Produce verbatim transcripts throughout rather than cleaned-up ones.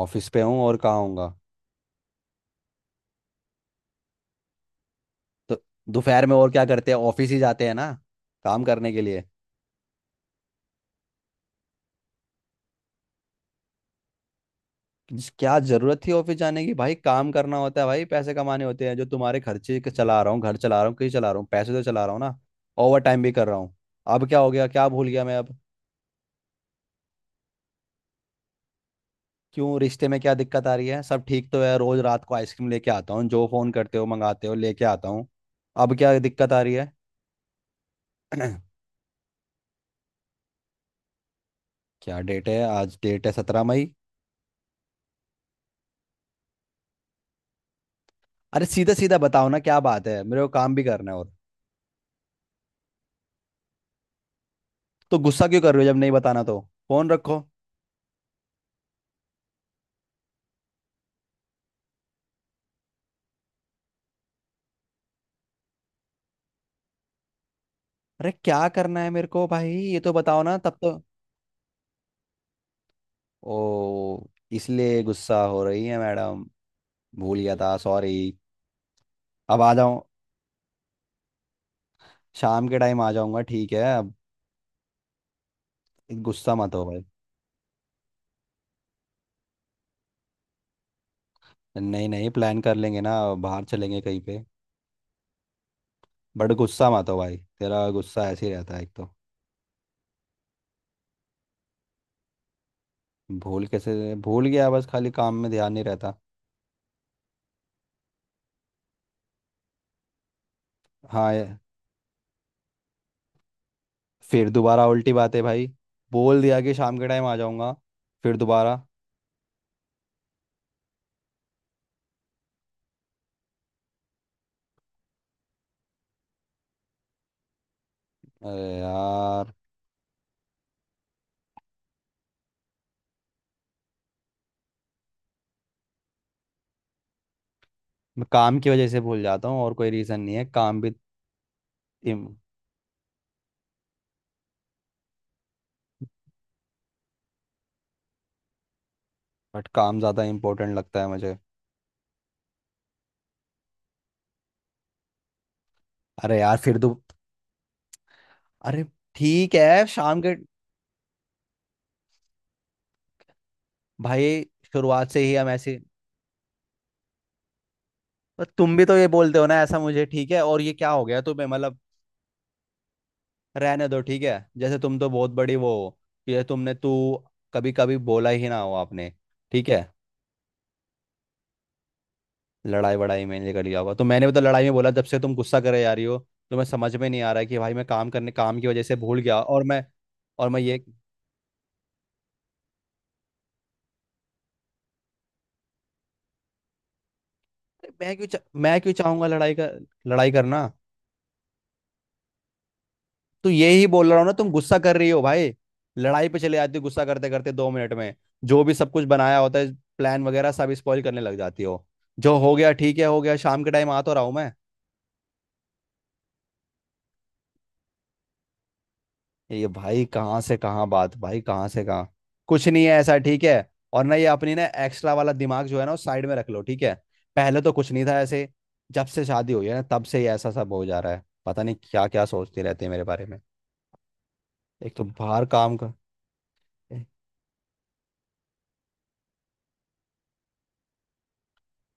Office पे हूँ, और कहाँ हूँगा। तो दोपहर में और क्या करते हैं, ऑफिस ही जाते हैं ना, काम करने के लिए। जिस- क्या जरूरत थी ऑफिस जाने की भाई, काम करना होता है भाई, पैसे कमाने होते हैं, जो तुम्हारे खर्चे के चला रहा हूँ, घर चला रहा हूँ, कहीं चला रहा हूँ, पैसे तो चला रहा हूँ ना। ओवर टाइम भी कर रहा हूँ। अब क्या हो गया, क्या भूल गया मैं अब। क्यों, रिश्ते में क्या दिक्कत आ रही है, सब ठीक तो है, रोज रात को आइसक्रीम लेके आता हूँ, जो फोन करते हो मंगाते हो लेके आता हूँ। अब क्या दिक्कत आ रही है। क्या डेट है, आज डेट है सत्रह मई। अरे सीधा सीधा बताओ ना, क्या बात है, मेरे को काम भी करना है, और। तो गुस्सा क्यों कर रहे हो जब नहीं बताना तो। फोन रखो। अरे क्या करना है मेरे को भाई, ये तो बताओ ना तब तो। ओ, इसलिए गुस्सा हो रही है मैडम। भूल गया था, सॉरी। अब आ जाऊं। शाम के टाइम आ जाऊंगा, ठीक है अब। गुस्सा मत हो भाई। नहीं, नहीं, प्लान कर लेंगे ना। बाहर चलेंगे कहीं पे। बट गुस्सा मत हो भाई, तेरा गुस्सा ऐसे ही रहता है, एक तो। भूल कैसे भूल गया, बस खाली काम में ध्यान नहीं रहता। हाँ ये- फिर दोबारा उल्टी बात है भाई। बोल दिया कि शाम के टाइम आ जाऊंगा, फिर दोबारा। अरे यार। मैं काम की वजह से भूल जाता हूँ, और कोई रीज़न नहीं है, काम भी। इम, बट काम ज़्यादा इम्पोर्टेंट लगता है मुझे। अरे यार फिर तो। अरे। ठीक है शाम के। भाई। शुरुआत से ही हम ऐसे। पर तुम भी तो ये बोलते हो ना, ऐसा मुझे ठीक है, और ये क्या हो गया तुम्हें मतलब। रहने दो, ठीक है, जैसे तुम तो बहुत बड़ी वो हो, कि ये तुमने तू कभी कभी बोला ही ना हो आपने। ठीक है। लड़ाई वड़ाई में निकल गया हुआ तो मैंने भी तो लड़ाई में बोला, जब से तुम गुस्सा करे जा रही हो। तो मैं समझ में नहीं आ रहा है कि भाई, मैं काम करने, काम की वजह से भूल गया, और मैं, और मैं ये। अरे मैं क्यों चा, मैं क्यों चाहूंगा लड़ाई का। लड़ाई करना। तो ये ही बोल रहा हूँ ना, तुम गुस्सा कर रही हो भाई। लड़ाई पे चले जाती हो, गुस्सा करते करते दो मिनट में, जो भी सब कुछ बनाया होता है, प्लान वगैरह सब स्पॉइल करने लग जाती हो। जो हो गया ठीक है, हो गया, शाम के टाइम आ तो रहा हूँ मैं। ये भाई कहाँ से कहाँ बात, भाई कहाँ से कहाँ। कुछ नहीं है ऐसा, ठीक है। और ना ये अपनी ना एक्स्ट्रा वाला दिमाग जो है ना वो साइड में रख लो, ठीक है। पहले तो कुछ नहीं था ऐसे, जब से शादी हुई है ना तब से ये ऐसा सब हो जा रहा है, पता नहीं क्या क्या सोचते रहते हैं मेरे बारे में। एक तो बाहर काम कर। ए,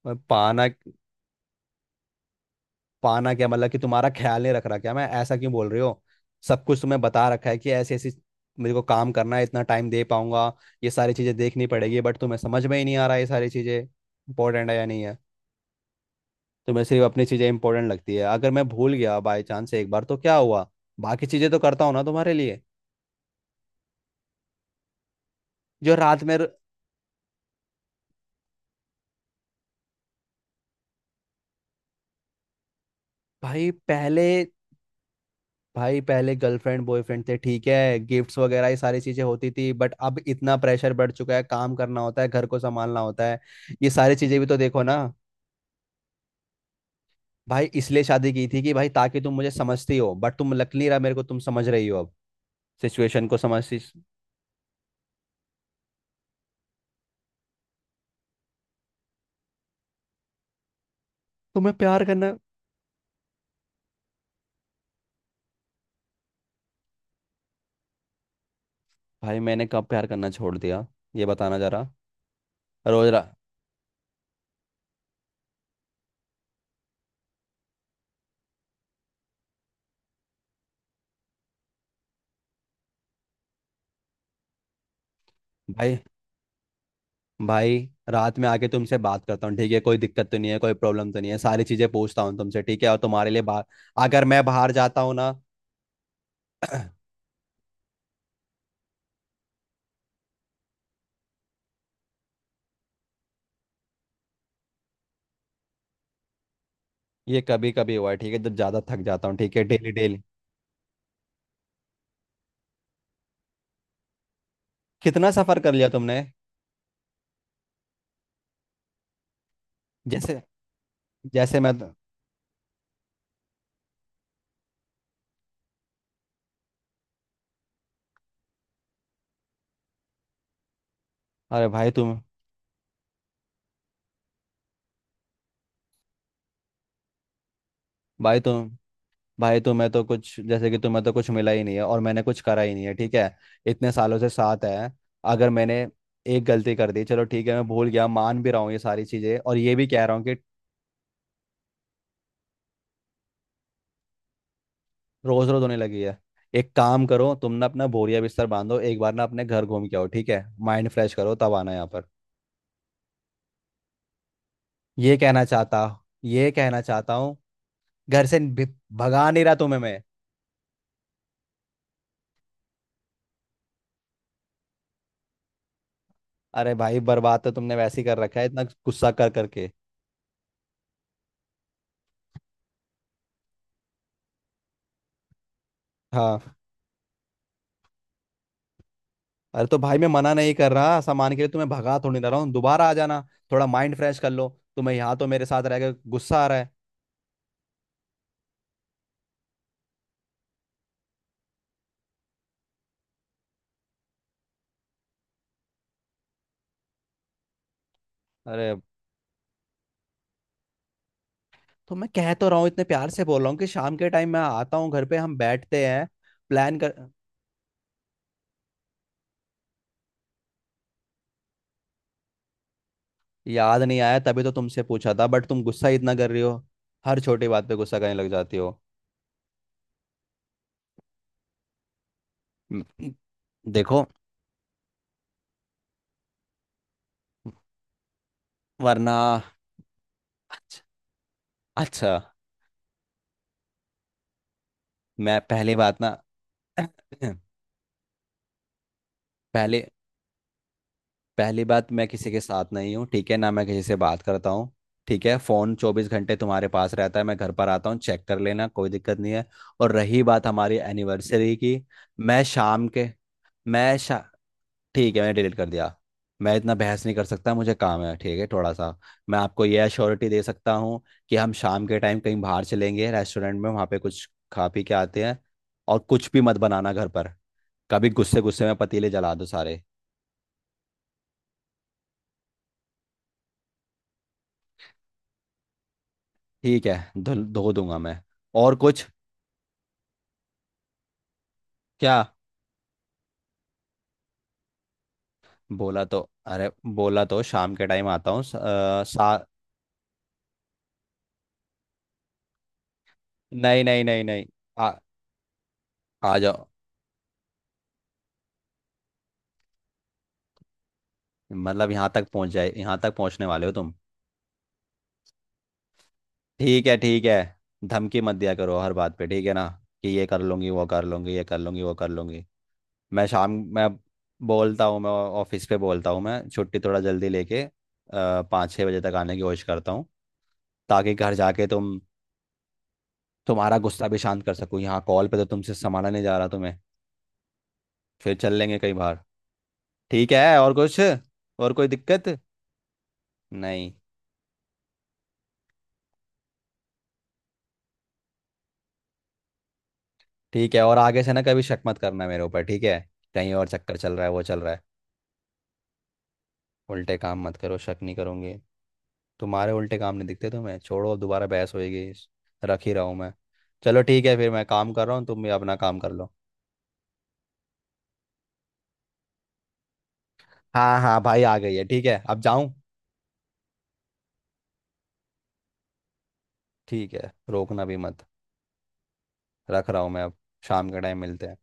मैं पाना। पाना क्या मतलब, कि तुम्हारा ख्याल नहीं रख रहा क्या मैं, ऐसा क्यों बोल रही हो। सब कुछ तुम्हें बता रखा है कि ऐसे ऐसी, मेरे को काम करना है, इतना टाइम दे पाऊंगा, ये सारी चीजें देखनी पड़ेगी, बट तुम्हें समझ में ही नहीं आ रहा है ये सारी चीजें इंपॉर्टेंट है या नहीं है। तो मैं, सिर्फ अपनी चीज़ें इंपॉर्टेंट लगती है, अगर मैं भूल गया बाई चांस एक बार तो क्या हुआ, बाकी चीज़ें तो करता हूँ ना तुम्हारे लिए। जो रात में। भाई पहले भाई पहले गर्लफ्रेंड बॉयफ्रेंड थे, ठीक है, गिफ्ट्स वगैरह ये सारी चीज़ें होती थी, बट अब इतना प्रेशर बढ़ चुका है, काम करना होता है, घर को संभालना होता है, ये सारी चीज़ें भी तो देखो ना। भाई इसलिए शादी की थी कि भाई ताकि तुम मुझे समझती हो, बट तुम, लग नहीं रहा मेरे को तुम समझ रही हो अब, सिचुएशन को समझती। तुम्हें प्यार करना। भाई मैंने कब प्यार करना छोड़ दिया, ये बताना जरा। रोज रा भाई। भाई। रात में आके तुमसे बात करता हूँ, ठीक है, कोई दिक्कत तो नहीं है, कोई प्रॉब्लम तो नहीं है, सारी चीजें पूछता हूँ तुमसे, ठीक है। और तुम्हारे लिए बाहर, अगर मैं बाहर जाता हूँ ना। ये कभी कभी हुआ है, ठीक है, जब ज्यादा थक जाता हूँ, ठीक है, डेली डेली। कितना सफर कर लिया तुमने। जैसे, जैसे मैं तो, अरे भाई तुम भाई तुम भाई तुम्हें तो कुछ, जैसे कि तुम्हें तो कुछ मिला ही नहीं है, और मैंने कुछ करा ही नहीं है, ठीक है। इतने सालों से साथ है, अगर मैंने एक गलती कर दी, चलो ठीक है, मैं भूल गया, मान भी रहा हूँ ये सारी चीजें, और ये भी कह रहा हूँ कि। रोज रोज होने लगी है। एक काम करो तुम ना, अपना बोरिया बिस्तर बांधो एक बार ना, अपने घर घूम के आओ, ठीक है, माइंड फ्रेश करो तब आना यहाँ पर। ये कहना चाहता ये कहना चाहता हूँ। घर से भी- भगा नहीं रहा तुम्हें मैं। अरे भाई, बर्बाद तो तुमने वैसे ही कर रखा है इतना गुस्सा कर करके। हाँ। अरे तो भाई मैं मना नहीं कर रहा सामान के लिए, तुम्हें भगा थोड़ी ना रहा हूँ, दोबारा आ जाना, थोड़ा माइंड फ्रेश कर लो, तुम्हें यहाँ तो मेरे साथ रह के गुस्सा आ रहा है। अरे तो मैं कह तो रहा हूँ, इतने प्यार से बोल रहा हूँ कि शाम के टाइम मैं आता हूँ, घर पे हम बैठते हैं, प्लान कर। याद नहीं आया तभी तो तुमसे पूछा था, बट तुम गुस्सा ही इतना कर रही हो, हर छोटी बात पे गुस्सा करने लग जाती हो। म- देखो। वरना। अच्छा। अच्छा, मैं पहली बात ना। पहले पहली बात, मैं किसी के साथ नहीं हूँ, ठीक है ना, मैं किसी से बात करता हूँ, ठीक है, फोन चौबीस घंटे तुम्हारे पास रहता है, मैं घर पर आता हूँ चेक कर लेना, कोई दिक्कत नहीं है। और रही बात हमारी एनिवर्सरी की। मैं शाम के मैं शा ठीक है, मैंने डिलीट कर दिया। मैं इतना बहस नहीं कर सकता, मुझे काम है, ठीक है, थोड़ा सा। मैं आपको यह अश्योरिटी दे सकता हूँ कि हम शाम के टाइम कहीं बाहर चलेंगे, रेस्टोरेंट में वहाँ पे कुछ खा पी के आते हैं, और कुछ भी मत बनाना घर पर, कभी गुस्से गुस्से में पतीले जला दो सारे। ठीक है। धो धो दूंगा मैं। और कुछ। क्या। बोला तो, अरे बोला तो शाम के टाइम आता हूँ। स- अ, सा नहीं, नहीं, नहीं, नहीं। आ, आ जाओ। मतलब यहाँ तक पहुँच जाए, यहाँ तक पहुँचने वाले हो तुम। ठीक है, ठीक है, धमकी मत दिया करो हर बात पे, ठीक है ना, कि ये कर लूंगी वो कर लूंगी ये कर लूंगी वो कर लूंगी। मैं शाम मैं बोलता हूँ, मैं ऑफिस पे बोलता हूँ मैं छुट्टी थोड़ा जल्दी लेके अ, पाँच छः बजे तक आने की कोशिश करता हूँ, ताकि घर जाके तुम, तुम्हारा गुस्सा भी शांत कर सको, यहाँ कॉल पे तो तुमसे संभाला नहीं जा रहा तुम्हें। फिर चल लेंगे कहीं बाहर। ठीक है, और कुछ, और कोई दिक्कत। नहीं। ठीक है, और आगे से ना कभी शक मत करना मेरे ऊपर, ठीक है, कहीं और चक्कर चल रहा है वो चल रहा है। उल्टे काम मत करो, शक नहीं करूंगी। तुम्हारे उल्टे काम नहीं दिखते तुम्हें, छोड़ो अब दोबारा बहस होएगी। रख ही रहा हूँ मैं। चलो ठीक है, फिर मैं काम कर रहा हूँ, तुम भी अपना काम कर लो। हाँ, हाँ भाई आ गई है, ठीक है, अब जाऊँ। ठीक है, रोकना भी मत। रख रहा हूँ मैं अब। शाम के टाइम मिलते हैं।